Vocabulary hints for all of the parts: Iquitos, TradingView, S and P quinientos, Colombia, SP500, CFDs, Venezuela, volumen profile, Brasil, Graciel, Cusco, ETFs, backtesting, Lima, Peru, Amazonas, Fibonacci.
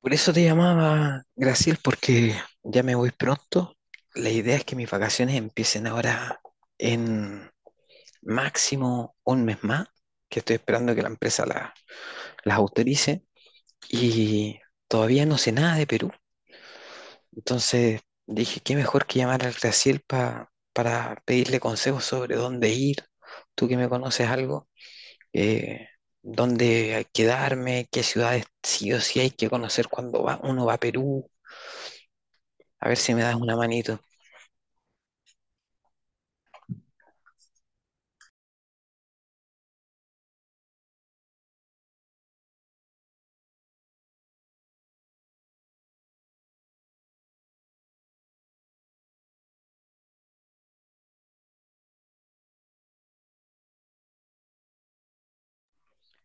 Por eso te llamaba, Graciel, porque ya me voy pronto. La idea es que mis vacaciones empiecen ahora en máximo un mes más, que estoy esperando que la empresa las autorice y todavía no sé nada de Perú. Entonces dije, ¿qué mejor que llamar al Graciel para pedirle consejos sobre dónde ir? Tú que me conoces algo, eh, dónde hay que quedarme, qué ciudades sí o sí hay que conocer cuando uno va a Perú. A ver si me das una manito.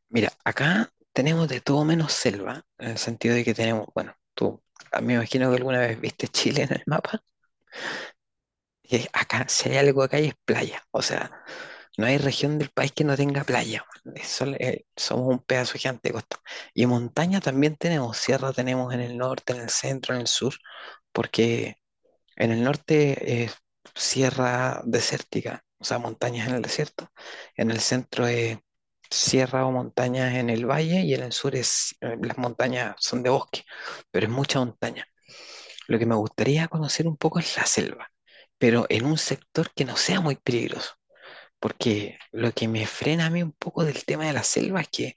Mira, acá tenemos de todo menos selva, en el sentido de que tenemos, bueno, tú, mí me imagino que alguna vez viste Chile en el mapa, y acá, si hay algo acá, y es playa. O sea, no hay región del país que no tenga playa, man. Es somos un pedazo gigante de costa. Y montaña también tenemos, sierra tenemos en el norte, en el centro, en el sur, porque en el norte es sierra desértica, o sea, montañas en el desierto. En el centro es sierra o montañas en el valle y en el sur es, las montañas son de bosque, pero es mucha montaña. Lo que me gustaría conocer un poco es la selva, pero en un sector que no sea muy peligroso. Porque lo que me frena a mí un poco del tema de la selva es que,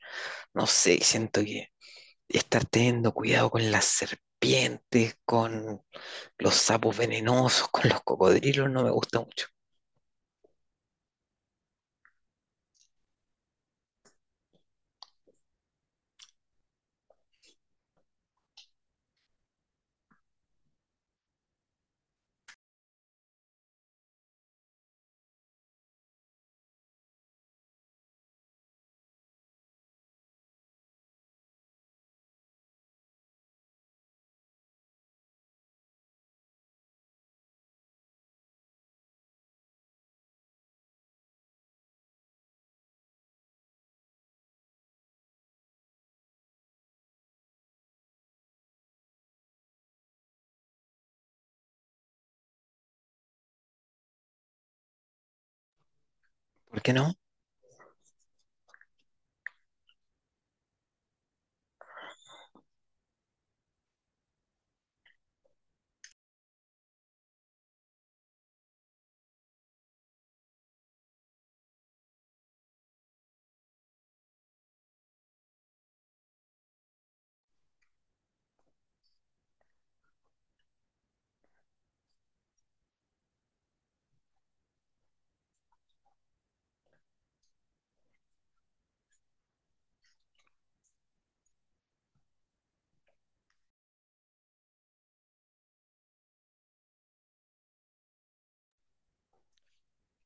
no sé, siento que estar teniendo cuidado con las serpientes, con los sapos venenosos, con los cocodrilos, no me gusta mucho. ¿Por qué no?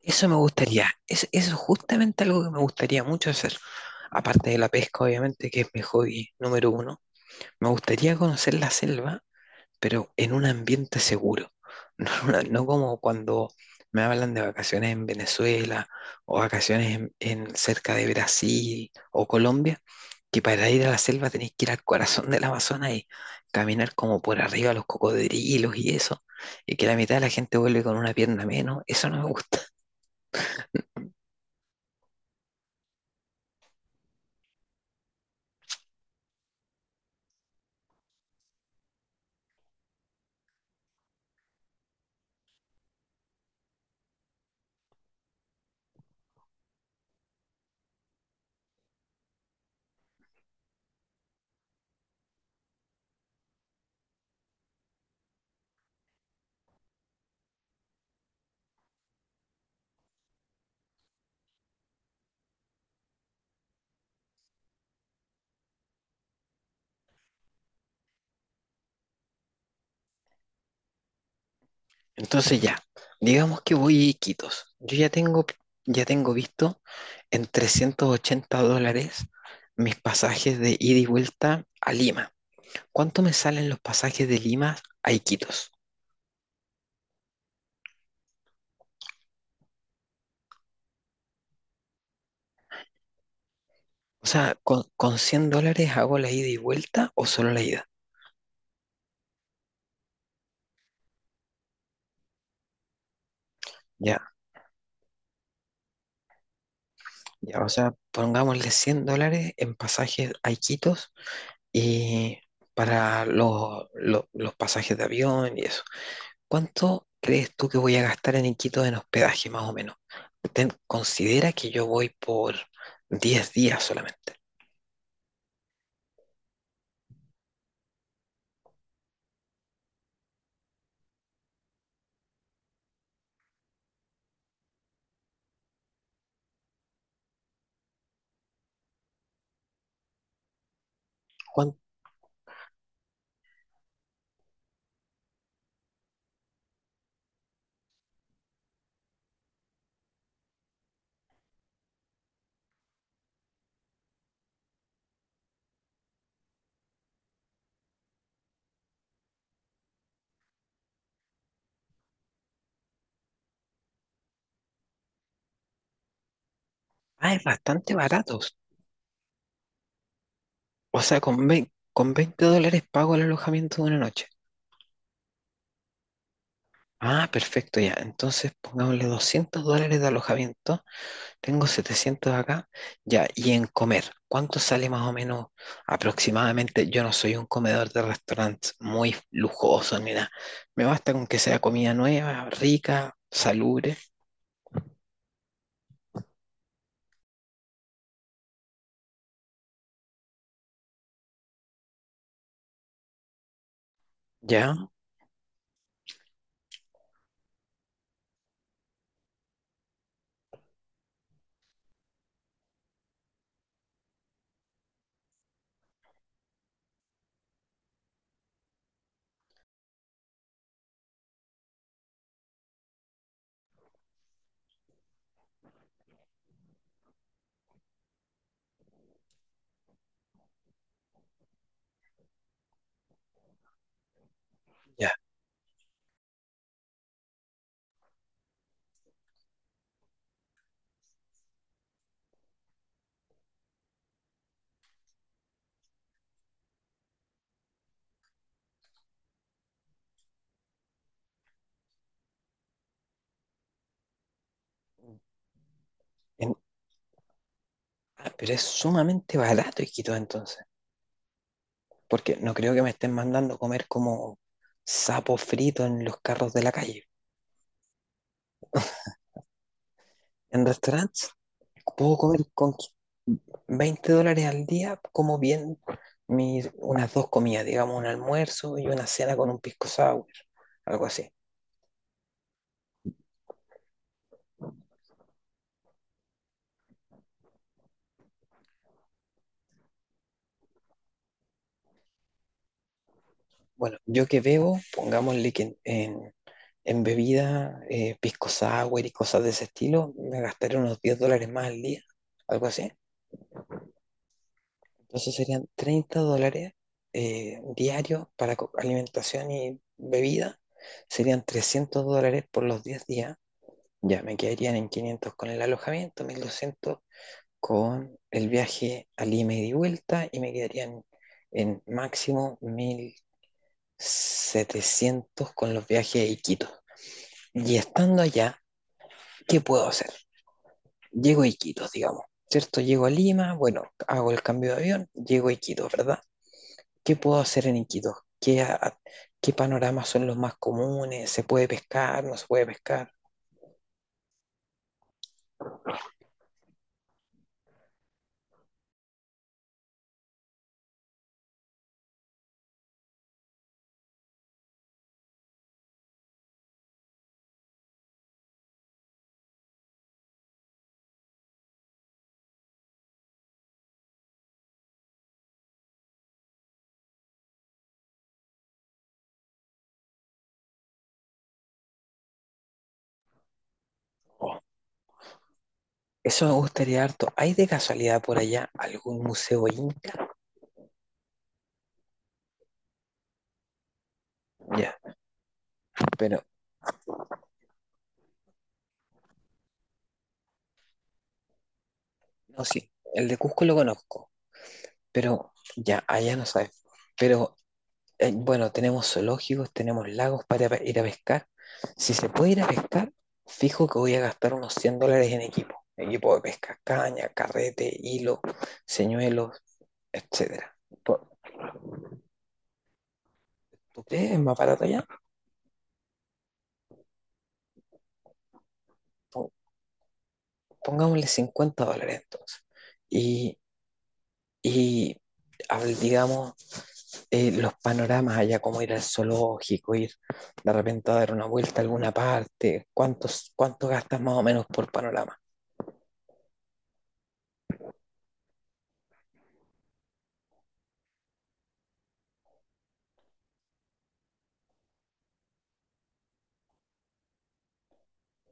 Eso me gustaría. Es, eso es justamente algo que me gustaría mucho hacer. Aparte de la pesca, obviamente, que es mi hobby número uno. Me gustaría conocer la selva pero en un ambiente seguro. No, en no como cuando me hablan de vacaciones en Venezuela o vacaciones en cerca de Brasil o Colombia, que para ir a la selva tenés que ir al corazón del Amazonas y caminar como por arriba los cocodrilos y eso, y que la mitad de la gente vuelve con una pierna menos. Eso no me gusta. Entonces ya, digamos que voy a Iquitos. Ya tengo visto en $380 mis pasajes de ida y vuelta a Lima. ¿Cuánto me salen los pasajes de Lima a Iquitos? O sea, con $100 hago la ida y vuelta o solo la ida? Ya, ya, o sea, pongámosle $100 en pasajes a Iquitos y para los pasajes de avión y eso. ¿Cuánto crees tú que voy a gastar en Iquitos en hospedaje más o menos? Considera que yo voy por 10 días solamente. ¿Cuán- Ah, es bastante barato. O sea, con $20 pago el alojamiento de una noche. Ah, perfecto, ya. Entonces pongámosle $200 de alojamiento. Tengo 700 acá. Ya, y en comer, ¿cuánto sale más o menos aproximadamente? Yo no soy un comedor de restaurantes muy lujoso ni nada. Me basta con que sea comida nueva, rica, salubre. Ya, ya. En- ah, pero es sumamente barato Iquitos, entonces. Porque no creo que me estén mandando comer como sapo frito en los carros de la calle. ¿En restaurantes? Puedo comer con $20 al día, como bien mis, unas dos comidas, digamos, un almuerzo y una cena con un pisco sour, algo así. Bueno, yo que bebo, pongámosle que en bebida, pisco sour y cosas de ese estilo, me gastaré unos $10 más al día, algo así. Entonces serían $30 diarios para alimentación y bebida, serían $300 por los 10 días. Ya, me quedarían en 500 con el alojamiento, 1200 con el viaje a Lima y de vuelta y me quedarían en máximo 1700 con los viajes a Iquitos. Y estando allá, ¿qué puedo hacer? Llego a Iquitos, digamos, ¿cierto? Llego a Lima, bueno, hago el cambio de avión, llego a Iquitos, ¿verdad? ¿Qué puedo hacer en Iquitos? ¿Qué, a- ¿Qué panoramas son los más comunes? ¿Se puede pescar? ¿No se puede pescar? Eso me gustaría harto. ¿Hay de casualidad por allá algún museo inca? Ya, pero no, sí, el de Cusco lo conozco, pero ya, allá no sabes. Pero bueno, tenemos zoológicos, tenemos lagos para ir a pescar. Si se puede ir a pescar, fijo que voy a gastar unos $100 en equipo. Equipo de pesca, caña, carrete, hilo, señuelos, etcétera. Po- ¿Tú crees es más barato allá? Po- Pongámosle $50 entonces. Y Y digamos, los panoramas allá, como ir al zoológico, ir de repente a dar una vuelta a alguna parte, ¿cuánto gastas más o menos por panorama?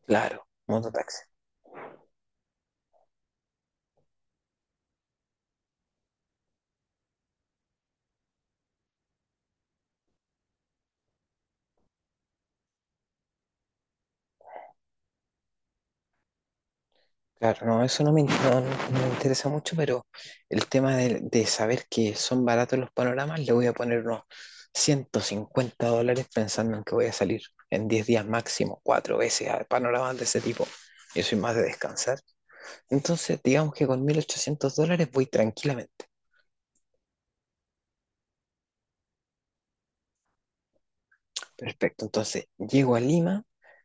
Claro, mototaxi. Claro, no, eso no me, no me interesa mucho, pero el tema de saber que son baratos los panoramas, le voy a poner unos $150 pensando en que voy a salir en 10 días máximo, cuatro veces a panoramas de ese tipo. Yo soy más de descansar. Entonces, digamos que con $1,800 voy tranquilamente. Perfecto, entonces llego a Lima,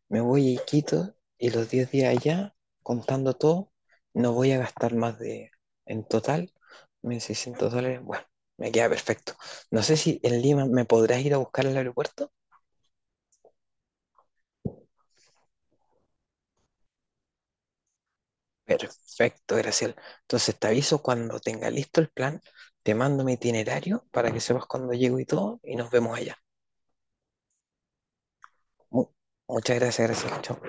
me voy a Iquitos y los 10 días allá, contando todo, no voy a gastar más de, en total, $1,600. Bueno, me queda perfecto. No sé si en Lima me podrás ir a buscar al aeropuerto. Perfecto, Graciel. Entonces te aviso cuando tenga listo el plan, te mando mi itinerario para que sepas cuándo llego y todo, y nos vemos allá. Mu- Muchas gracias, Graciel. Chao.